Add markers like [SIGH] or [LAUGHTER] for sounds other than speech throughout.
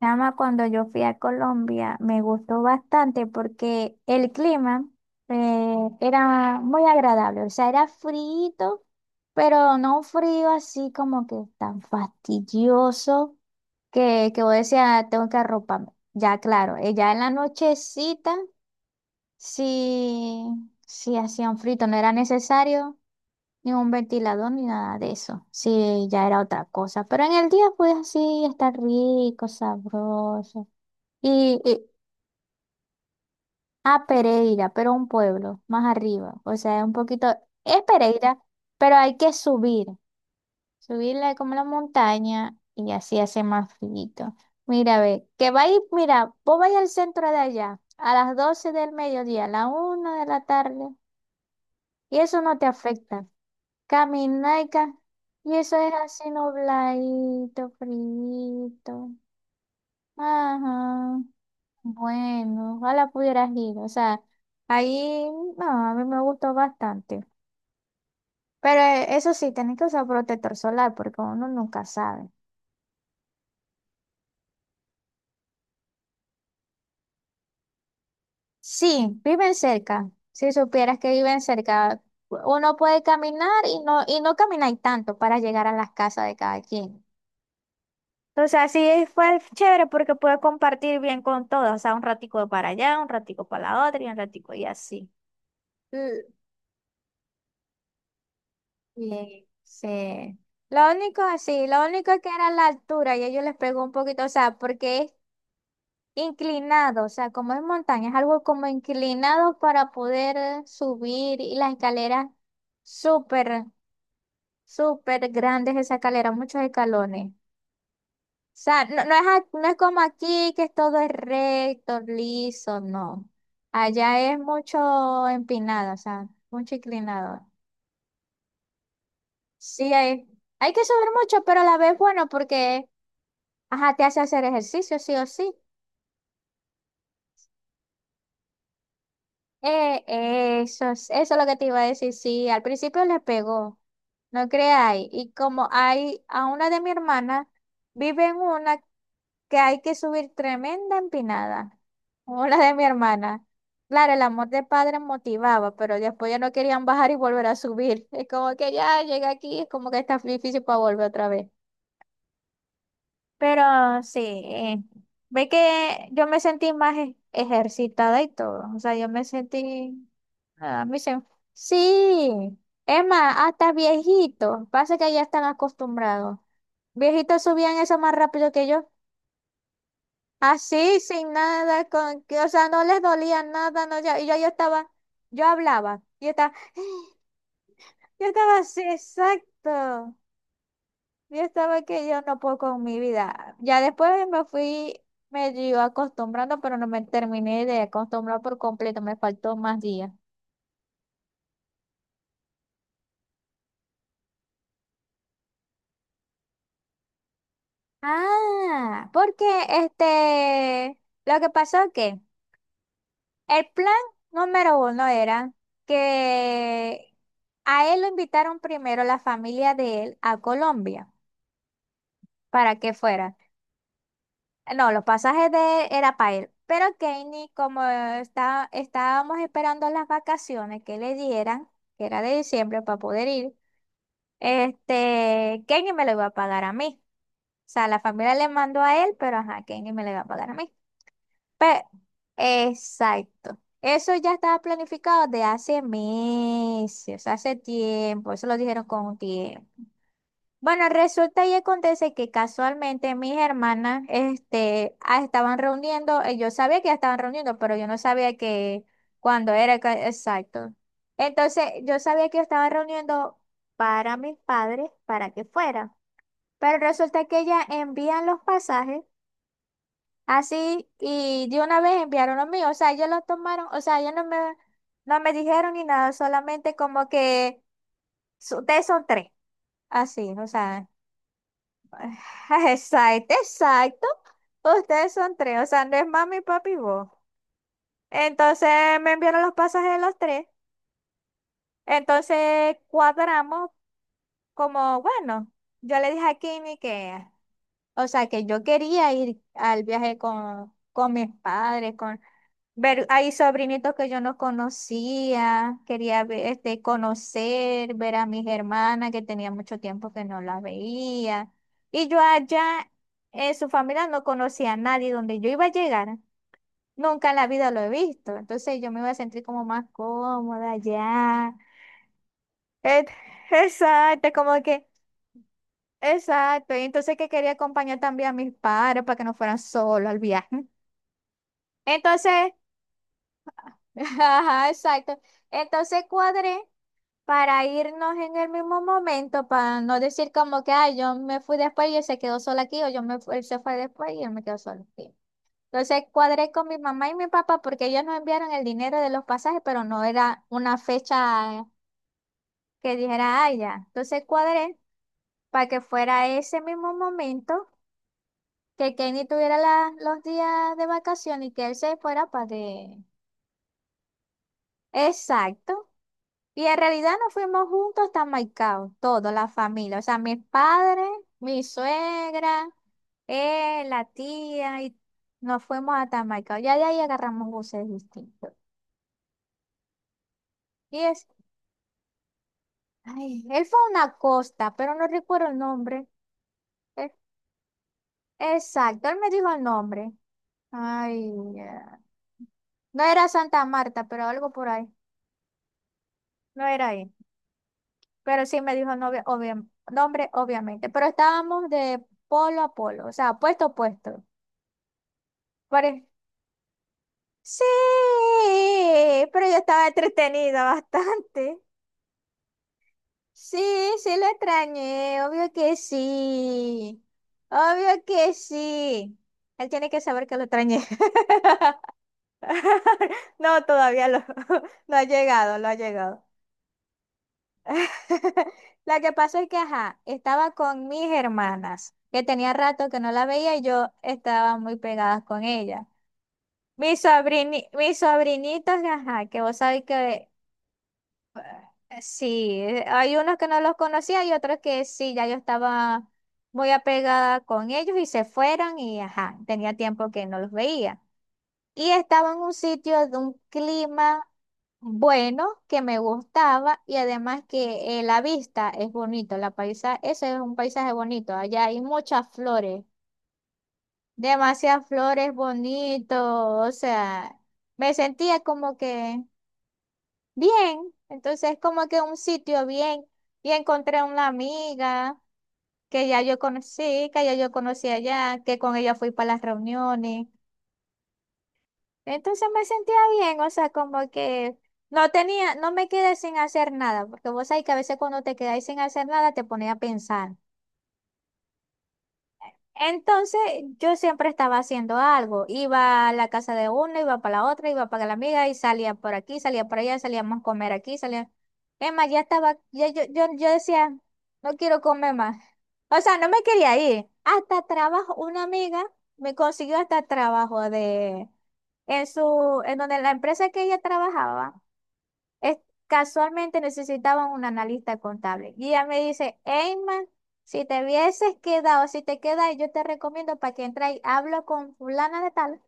Chama, cuando yo fui a Colombia me gustó bastante porque el clima era muy agradable, o sea, era frío, pero no un frío así como que tan fastidioso que vos decías, "Ah, tengo que arroparme". Ya, claro, ya en la nochecita, sí sí hacía un frito, no era necesario ni un ventilador ni nada de eso, sí ya era otra cosa, pero en el día pues así, estar rico, sabroso. Y, y- a Pereira, pero un pueblo más arriba. O sea, es un poquito, es Pereira, pero hay que subir, subirla como la montaña y así hace más frío. Mira, ve, mira, vos vais al centro de allá a las 12 del mediodía, a la una de la tarde, y eso no te afecta. Camina y, ca- y eso es así nubladito, frío. Ajá. Bueno, ojalá pudieras ir. O sea, ahí no, a mí me gustó bastante. Pero eso sí, tenés que usar protector solar porque uno nunca sabe. Sí, viven cerca. Si supieras que viven cerca, uno puede caminar y no camináis tanto para llegar a las casas de cada quien. O sea, sí fue chévere porque pude compartir bien con todos. O sea, un ratico para allá, un ratico para la otra y un ratico y así. Sí, sí. Lo único, sí, lo único que era la altura y ellos les pegó un poquito, o sea, porque es inclinado, o sea, como es montaña, es algo como inclinado para poder subir, y las escaleras súper, súper grandes, esa escalera, muchos escalones. O sea, no es como aquí que todo es recto, liso, no. Allá es mucho empinado, o sea, mucho inclinado. Sí, hay... Hay que subir mucho, pero a la vez bueno, porque ajá, te hace hacer ejercicio, sí o sí. Eso es lo que te iba a decir, sí. Al principio le pegó, no creáis. Y como hay a una de mi hermana, vive en una que hay que subir tremenda empinada. Como la de mi hermana. Claro, el amor de padre motivaba, pero después ya no querían bajar y volver a subir. [LAUGHS] Es como que ya llega aquí, es como que está difícil para volver otra vez. Pero sí, ve que yo me sentí más ejercitada y todo. O sea, yo me sentí. A mí se. Sí, es más, hasta viejitos. Pasa que ya están acostumbrados. Viejitos subían eso más rápido que yo. Así, sin nada, con que, o sea, no les dolía nada, no, ya, yo estaba, yo hablaba, yo estaba, [GASPS] yo estaba así, exacto. Yo estaba que yo no puedo con mi vida. Ya después me fui medio acostumbrando, pero no me terminé de acostumbrar por completo. Me faltó más días. Ah, porque este, lo que pasó es que el plan número uno era que a él lo invitaron primero la familia de él a Colombia para que fuera. No, los pasajes de era para él. Pero Kenny, estábamos esperando las vacaciones que le dieran, que era de diciembre para poder ir, este, Kenny me lo iba a pagar a mí. O sea, la familia le mandó a él, pero ajá, Kenny me lo iba a pagar a mí. Pero, exacto. Eso ya estaba planificado de hace meses, hace tiempo. Eso lo dijeron con tiempo. Bueno, resulta y acontece que casualmente mis hermanas este, ah, estaban reuniendo, yo sabía que ya estaban reuniendo, pero yo no sabía que cuándo era ca- exacto. Entonces, yo sabía que estaban reuniendo para mis padres, para que fuera. Pero resulta que ellas envían los pasajes así y de una vez enviaron los míos. O sea, ellos los tomaron, o sea, ellos no me, no me dijeron ni nada, solamente como que "Su- ustedes son tres", así, o sea. [LAUGHS] Ah, exacto, exacto. Ustedes son tres, o sea, no es mami, papi y vos. Entonces me enviaron los pasajes de los tres. Entonces cuadramos como, bueno, yo le dije a Kimi que, o sea, que yo quería ir al viaje con mis padres, con, ver, hay sobrinitos que yo no conocía, quería ver, este, conocer, ver a mis hermanas que tenía mucho tiempo que no las veía. Y yo allá, en su familia no conocía a nadie donde yo iba a llegar. Nunca en la vida lo he visto. Entonces yo me iba a sentir como más cómoda allá. Et- Exacto, como que, exacto. Y entonces que quería acompañar también a mis padres para que no fueran solos al viaje. Entonces, [LAUGHS] ajá, exacto. Entonces cuadré para irnos en el mismo momento, para no decir como que, ay, yo me fui después y él se quedó solo aquí, o yo me, fu- él se fue después y él me quedó solo aquí. Entonces cuadré con mi mamá y mi papá porque ellos nos enviaron el dinero de los pasajes, pero no era una fecha que dijera, ay, ya. Entonces cuadré para que fuera ese mismo momento, que Kenny tuviera los días de vacación y que él se fuera para de... Exacto. Y en realidad nos fuimos juntos hasta Maicao, toda la familia, o sea, mis padres, mi suegra, él, la tía, y nos fuimos hasta Maicao. Ya de ahí agarramos buses distintos. Y es, ay, él fue a una costa, pero no recuerdo el nombre. Eh, Exacto, él me dijo el nombre. Ay, ya. No era Santa Marta, pero algo por ahí. No era ahí. Pero sí me dijo nombre, obviamente. Pero estábamos de polo a polo, o sea, puesto a puesto. Pare- sí, pero yo estaba entretenida bastante. Sí, sí lo extrañé, obvio que sí. Obvio que sí. Él tiene que saber que lo extrañé. [LAUGHS] No, [LAUGHS] no ha llegado, lo ha llegado. [LAUGHS] la que pasó es que, ajá, estaba con mis hermanas, que tenía rato que no la veía y yo estaba muy pegada con ella. Mis sobrinitos, ajá, que vos sabés que sí, hay unos que no los conocía y otros que sí, ya yo estaba muy apegada con ellos y se fueron y, ajá, tenía tiempo que no los veía. Y estaba en un sitio de un clima bueno, que me gustaba y además que la vista es bonito, la paisa, ese es un paisaje bonito, allá hay muchas flores, demasiadas flores bonitos, o sea, me sentía como que bien, entonces como que un sitio bien, y encontré una amiga que ya yo conocí allá, que con ella fui para las reuniones. Entonces me sentía bien, o sea, como que no me quedé sin hacer nada, porque vos sabés que a veces cuando te quedáis sin hacer nada te pones a pensar. Entonces yo siempre estaba haciendo algo, iba a la casa de una, iba para la otra, iba para la amiga y salía por aquí, salía por allá, salíamos a comer aquí, salía... Es más, ya estaba, ya, yo decía, no quiero comer más. O sea, no me quería ir. Hasta trabajo, una amiga me consiguió hasta trabajo de, en donde la empresa que ella trabajaba es- casualmente necesitaban un analista contable. Y ella me dice, Eyman, si te quedas, yo te recomiendo para que entres y hablo con fulana de tal,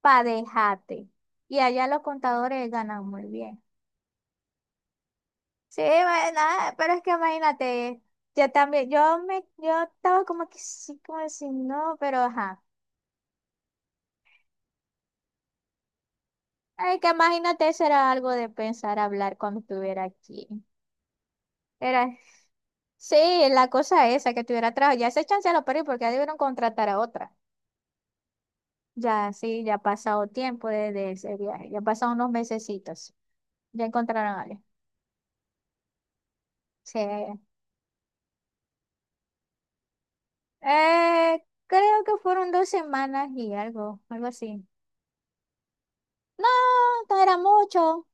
para dejarte. Y allá los contadores ganan muy bien. Sí, nada, pero es que imagínate, yo también, yo me, yo estaba como que sí, como si no, pero ajá. Ay, que imagínate, eso era algo de pensar hablar cuando estuviera aquí. Era Sí, la cosa esa, que tuviera trabajo. Ya ese chance ya lo perdí porque ya debieron contratar a otra. Ya, sí, ya ha pasado tiempo desde ese viaje. Ya han pasado unos mesecitos. Ya encontraron a alguien. Sí. Creo que fueron 2 semanas y algo, algo así. No, no era mucho.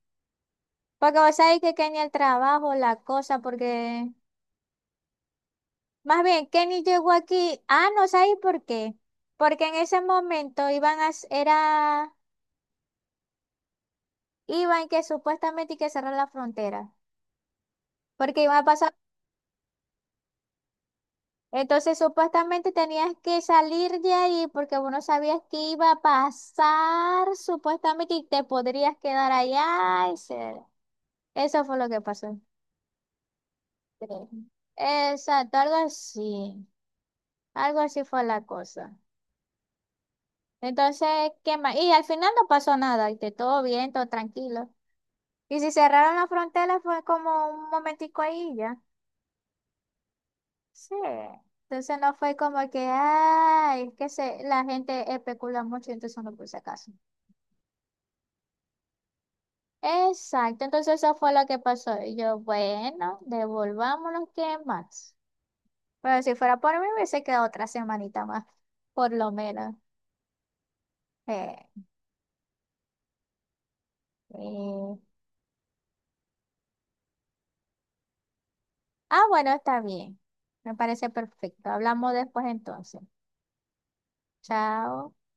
Porque vos sabés que Kenny el trabajo, la cosa, porque... Más bien, Kenny llegó aquí. Ah, no sabéis por qué. Porque en ese momento iban a... era... Iban que supuestamente hay que cerrar la frontera. Porque iba a pasar, entonces supuestamente tenías que salir de ahí porque vos no sabías qué iba a pasar, supuestamente, y te podrías quedar allá. Eso fue lo que pasó. Sí. Exacto, algo así. Algo así fue la cosa. Entonces, ¿qué más? Y al final no pasó nada, y todo bien, todo tranquilo. Y si cerraron la frontera fue como un momentico ahí y ya. Sí. Entonces no fue como que, ay, es que se, la gente especula mucho, entonces no puse caso. Exacto, entonces eso fue lo que pasó. Y yo, bueno, devolvámonos, ¿qué más? Pero si fuera por mí, hubiese quedado otra semanita más, por lo menos. Eh, eh. Ah, bueno, está bien. Me parece perfecto. Hablamos después entonces. Chao.